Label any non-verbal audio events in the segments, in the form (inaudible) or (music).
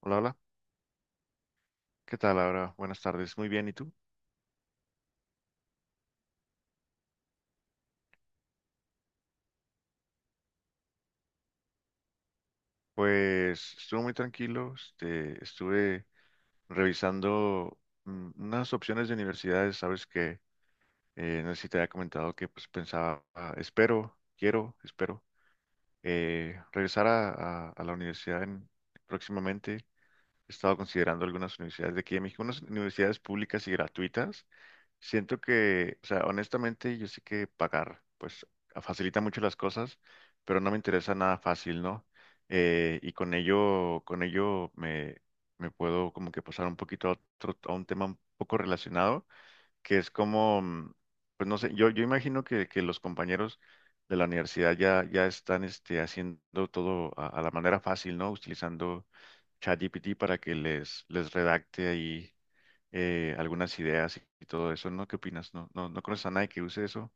Hola, hola. ¿Qué tal, Laura? Buenas tardes. Muy bien, ¿y tú? Pues estuvo muy tranquilo. Este, estuve revisando unas opciones de universidades. Sabes que no sé si te había comentado que pues pensaba, ah, espero, quiero, espero regresar a la universidad próximamente. He estado considerando algunas universidades de aquí de México, unas universidades públicas y gratuitas. Siento que, o sea, honestamente, yo sé que pagar, pues, facilita mucho las cosas, pero no me interesa nada fácil, ¿no? Y con ello me, me puedo como que pasar un poquito a otro, a un tema un poco relacionado, que es como, pues no sé, yo imagino que los compañeros de la universidad ya están este, haciendo todo a la manera fácil, ¿no? Utilizando ChatGPT para que les redacte ahí algunas ideas y todo eso, ¿no? ¿Qué opinas? No conoces a nadie que use eso?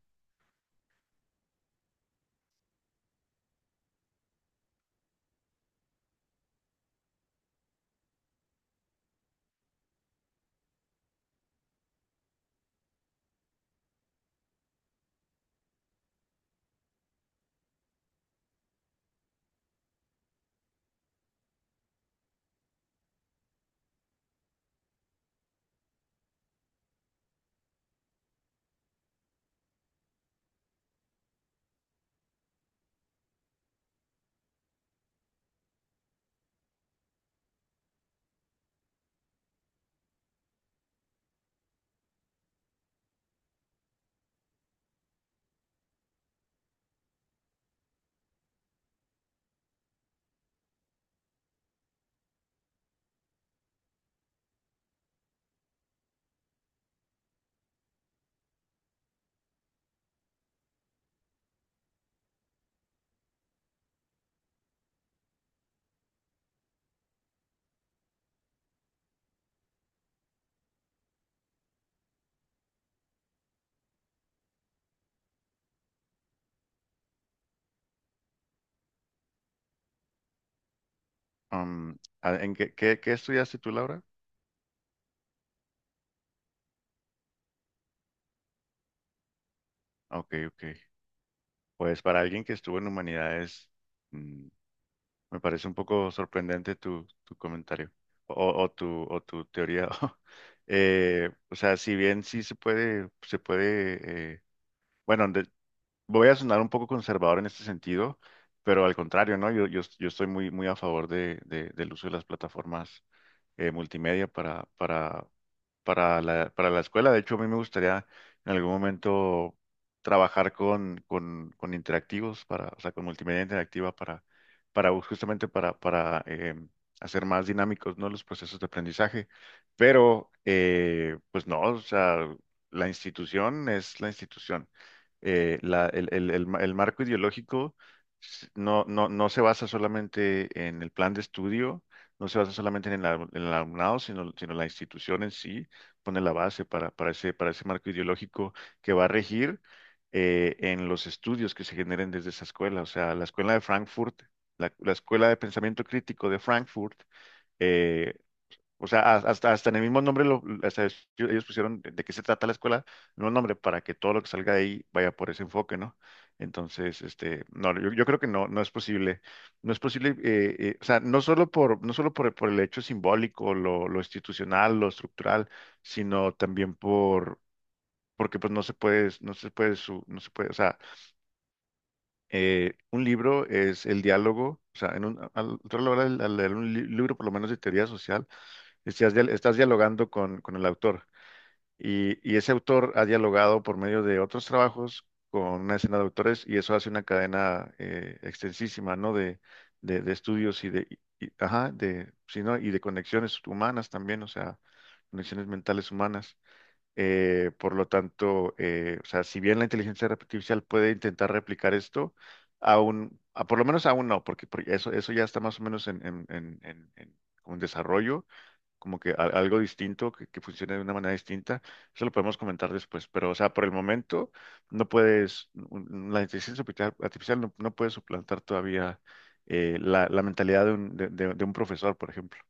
Am, ¿qué estudiaste tú, Laura? Ah, ok, ok. Pues para alguien que estuvo en humanidades, mm, me parece un poco sorprendente tu comentario o, o tu teoría. (laughs) O sea, si bien sí se puede, bueno, voy a sonar un poco conservador en este sentido, pero al contrario, ¿no? Yo estoy muy a favor de, del uso de las plataformas multimedia para la escuela. De hecho, a mí me gustaría en algún momento trabajar con interactivos, para, o sea, con multimedia interactiva para justamente para hacer más dinámicos, ¿no?, los procesos de aprendizaje. Pero, pues no, o sea, la institución es la institución. La, el, ma- El marco ideológico no se basa solamente en el plan de estudio, no se basa solamente en en el alumnado, sino la institución en sí pone la base para ese marco ideológico que va a regir en los estudios que se generen desde esa escuela. O sea, la escuela de Frankfurt, la escuela de pensamiento crítico de Frankfurt, eh, o sea, hasta en el mismo nombre, lo, ellos pusieron de qué se trata la escuela, no el nombre, para que todo lo que salga de ahí vaya por ese enfoque, ¿no? Entonces, este, no, yo creo que no es posible, no es posible, o sea, no solo por, no solo por el hecho simbólico, lo institucional, lo estructural, sino también por, porque pues no se puede, no se puede, no se puede, o sea, un libro es el diálogo, o sea, tú a la hora al leer un libro, por lo menos de teoría social, estás, estás dialogando con el autor, y ese autor ha dialogado por medio de otros trabajos con una escena de autores y eso hace una cadena extensísima, ¿no? De estudios y de, ajá, de, sí, ¿no? Y de conexiones humanas también, o sea, conexiones mentales humanas. Por lo tanto, o sea, si bien la inteligencia artificial puede intentar replicar esto, aún, por lo menos aún no, porque, porque eso ya está más o menos como en desarrollo, como que algo distinto, que funcione de una manera distinta. Eso lo podemos comentar después, pero, o sea, por el momento, no puedes, la inteligencia artificial, artificial no, no puede suplantar todavía la mentalidad de un, de un profesor, por ejemplo.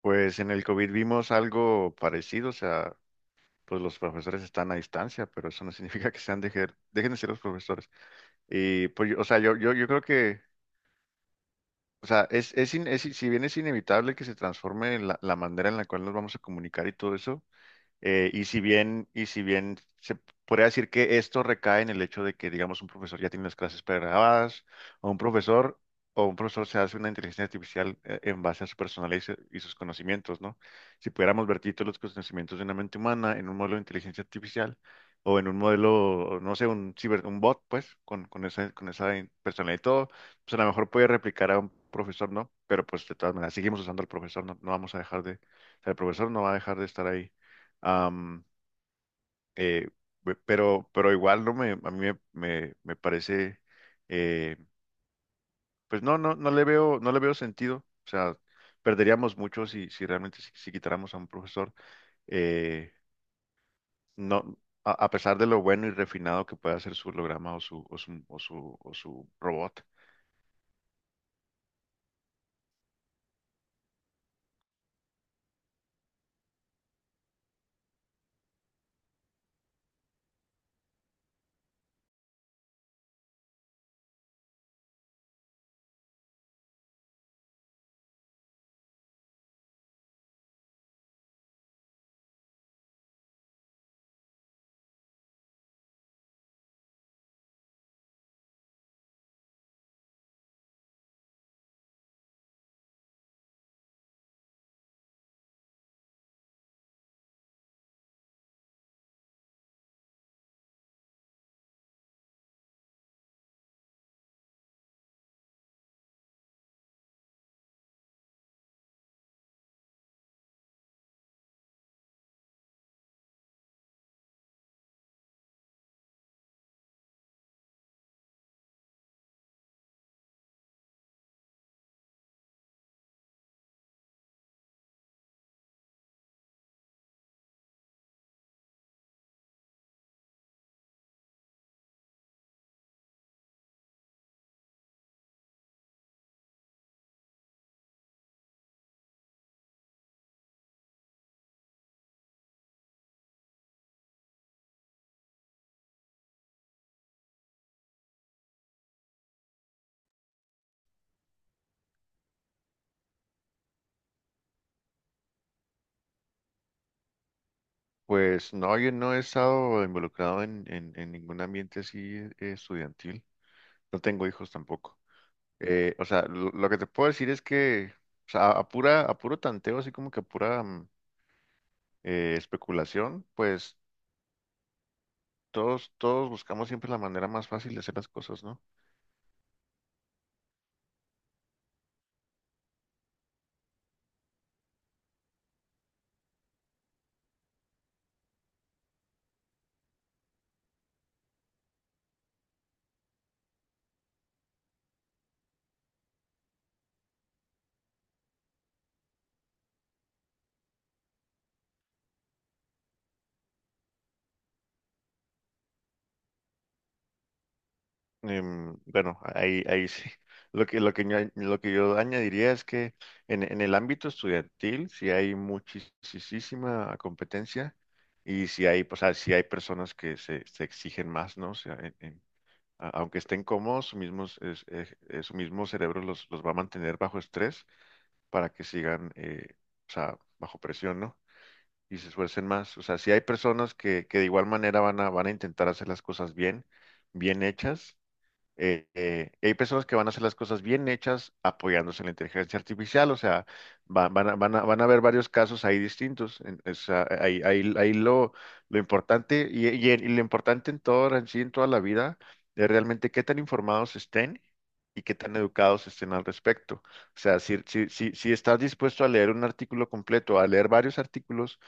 Pues en el COVID vimos algo parecido, o sea, pues los profesores están a distancia, pero eso no significa que sean dejen de ser los profesores. Y pues, o sea, yo creo que, o sea, si bien es inevitable que se transforme la, la manera en la cual nos vamos a comunicar y todo eso, y si bien se podría decir que esto recae en el hecho de que, digamos, un profesor ya tiene las clases pregrabadas, o un profesor, o un profesor se hace una inteligencia artificial en base a su personalidad y, y sus conocimientos, ¿no? Si pudiéramos vertir todos los conocimientos de una mente humana en un modelo de inteligencia artificial, o en un modelo, no sé, un ciber, un bot, pues, con esa personalidad y todo, pues a lo mejor puede replicar a un profesor, ¿no? Pero pues de todas maneras, seguimos usando al profesor, no, no vamos a dejar de, o sea, el profesor no va a dejar de estar ahí. Am, eh, pero igual no me, a mí me, me parece, eh, pues no, no le veo, no le veo sentido. O sea, perderíamos mucho si, si realmente si, si quitáramos a un profesor. eh, no, a pesar de lo bueno y refinado que pueda ser su holograma o su, o su, o su, o su robot. Pues no, yo no he estado involucrado en ningún ambiente así estudiantil. No tengo hijos tampoco. O sea, lo que te puedo decir es que, o sea, a pura, a puro tanteo, así como que a pura especulación, pues todos, todos buscamos siempre la manera más fácil de hacer las cosas, ¿no? Bueno, ahí sí. (laughs) Lo que yo añadiría es que en el ámbito estudiantil sí hay muchísima competencia y si hay, pues, ah, sí hay personas que se exigen más, ¿no? O sea, aunque estén cómodos, su mismo, su mismo cerebro los va a mantener bajo estrés para que sigan, o sea, bajo presión, ¿no? Y se esfuercen más. O sea, si hay personas que de igual manera van a intentar hacer las cosas bien, bien hechas, hay personas que van a hacer las cosas bien hechas apoyándose en la inteligencia artificial, o sea, van a haber varios casos ahí distintos. O sea, ahí, ahí lo importante y lo importante en todo, en sí, en toda la vida, es realmente qué tan informados estén y qué tan educados estén al respecto. O sea, si estás dispuesto a leer un artículo completo, a leer varios artículos,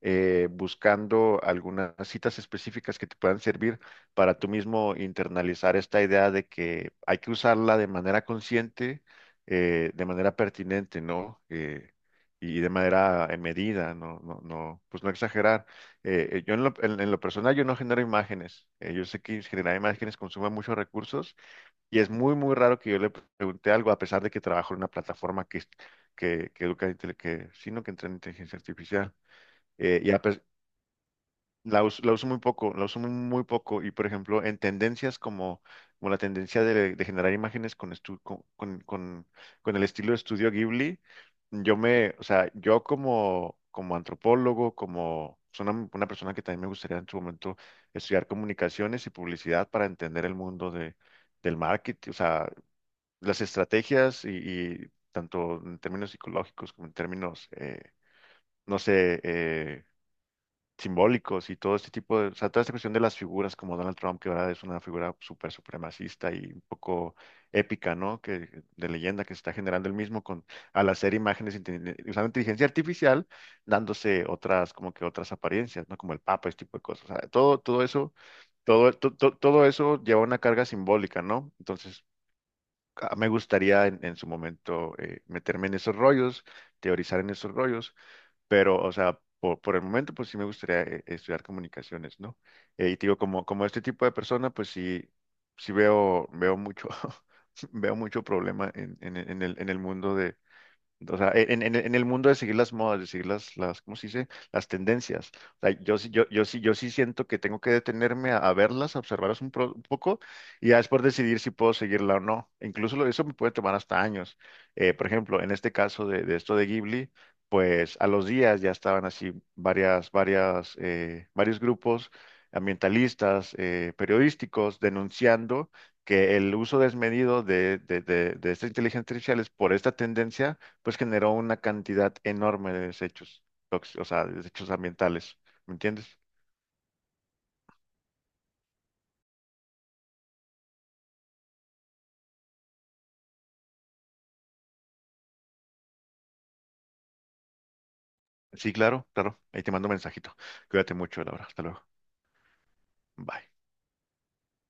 buscando algunas citas específicas que te puedan servir para tú mismo internalizar esta idea de que hay que usarla de manera consciente, de manera pertinente, ¿no? Y de manera medida, no, no, pues no exagerar. Yo en lo, en lo personal yo no genero imágenes. Yo sé que generar imágenes consume muchos recursos y es muy raro que yo le pregunte algo, a pesar de que trabajo en una plataforma que educa, sino que entrena inteligencia artificial. Eh, y, a, la uso, la uso muy poco, la uso muy poco. Y por ejemplo, en tendencias como, como la tendencia de generar imágenes con, con el estilo de estudio Ghibli, o sea, yo como, como antropólogo, como soy una persona que también me gustaría en su momento estudiar comunicaciones y publicidad para entender el mundo de, del marketing, o sea, las estrategias y tanto en términos psicológicos como en términos, no sé, simbólicos y todo este tipo de, o sea, toda esta cuestión de las figuras como Donald Trump, que ahora es una figura súper supremacista y un poco épica, ¿no? Que, de leyenda que se está generando el mismo con, al hacer imágenes usando inteligencia artificial, dándose otras, como que otras apariencias, ¿no? Como el Papa, este tipo de cosas. O sea, todo, todo eso, todo, todo eso lleva una carga simbólica, ¿no? Entonces, me gustaría en su momento meterme en esos rollos, teorizar en esos rollos, pero, o sea, por el momento, pues sí me gustaría estudiar comunicaciones, ¿no? Y te digo, como, como este tipo de persona, pues sí, sí veo, veo mucho, (laughs) veo mucho problema en el mundo, o sea, en el mundo de seguir las modas, de seguir las, ¿cómo se dice? Las tendencias. O sea, yo sí siento que tengo que detenerme a verlas, a observarlas un, un poco y ya después decidir si puedo seguirla o no. Incluso eso me puede tomar hasta años. Por ejemplo, en este caso de esto de Ghibli, pues a los días ya estaban así varias, varios grupos ambientalistas, periodísticos, denunciando que el uso desmedido de esta inteligencia artificial es por esta tendencia, pues generó una cantidad enorme de desechos tóxicos, o sea, de desechos ambientales. ¿Me entiendes? Sí, claro, claro. Ahí te mando un mensajito. Cuídate mucho, Laura. Hasta luego. Bye.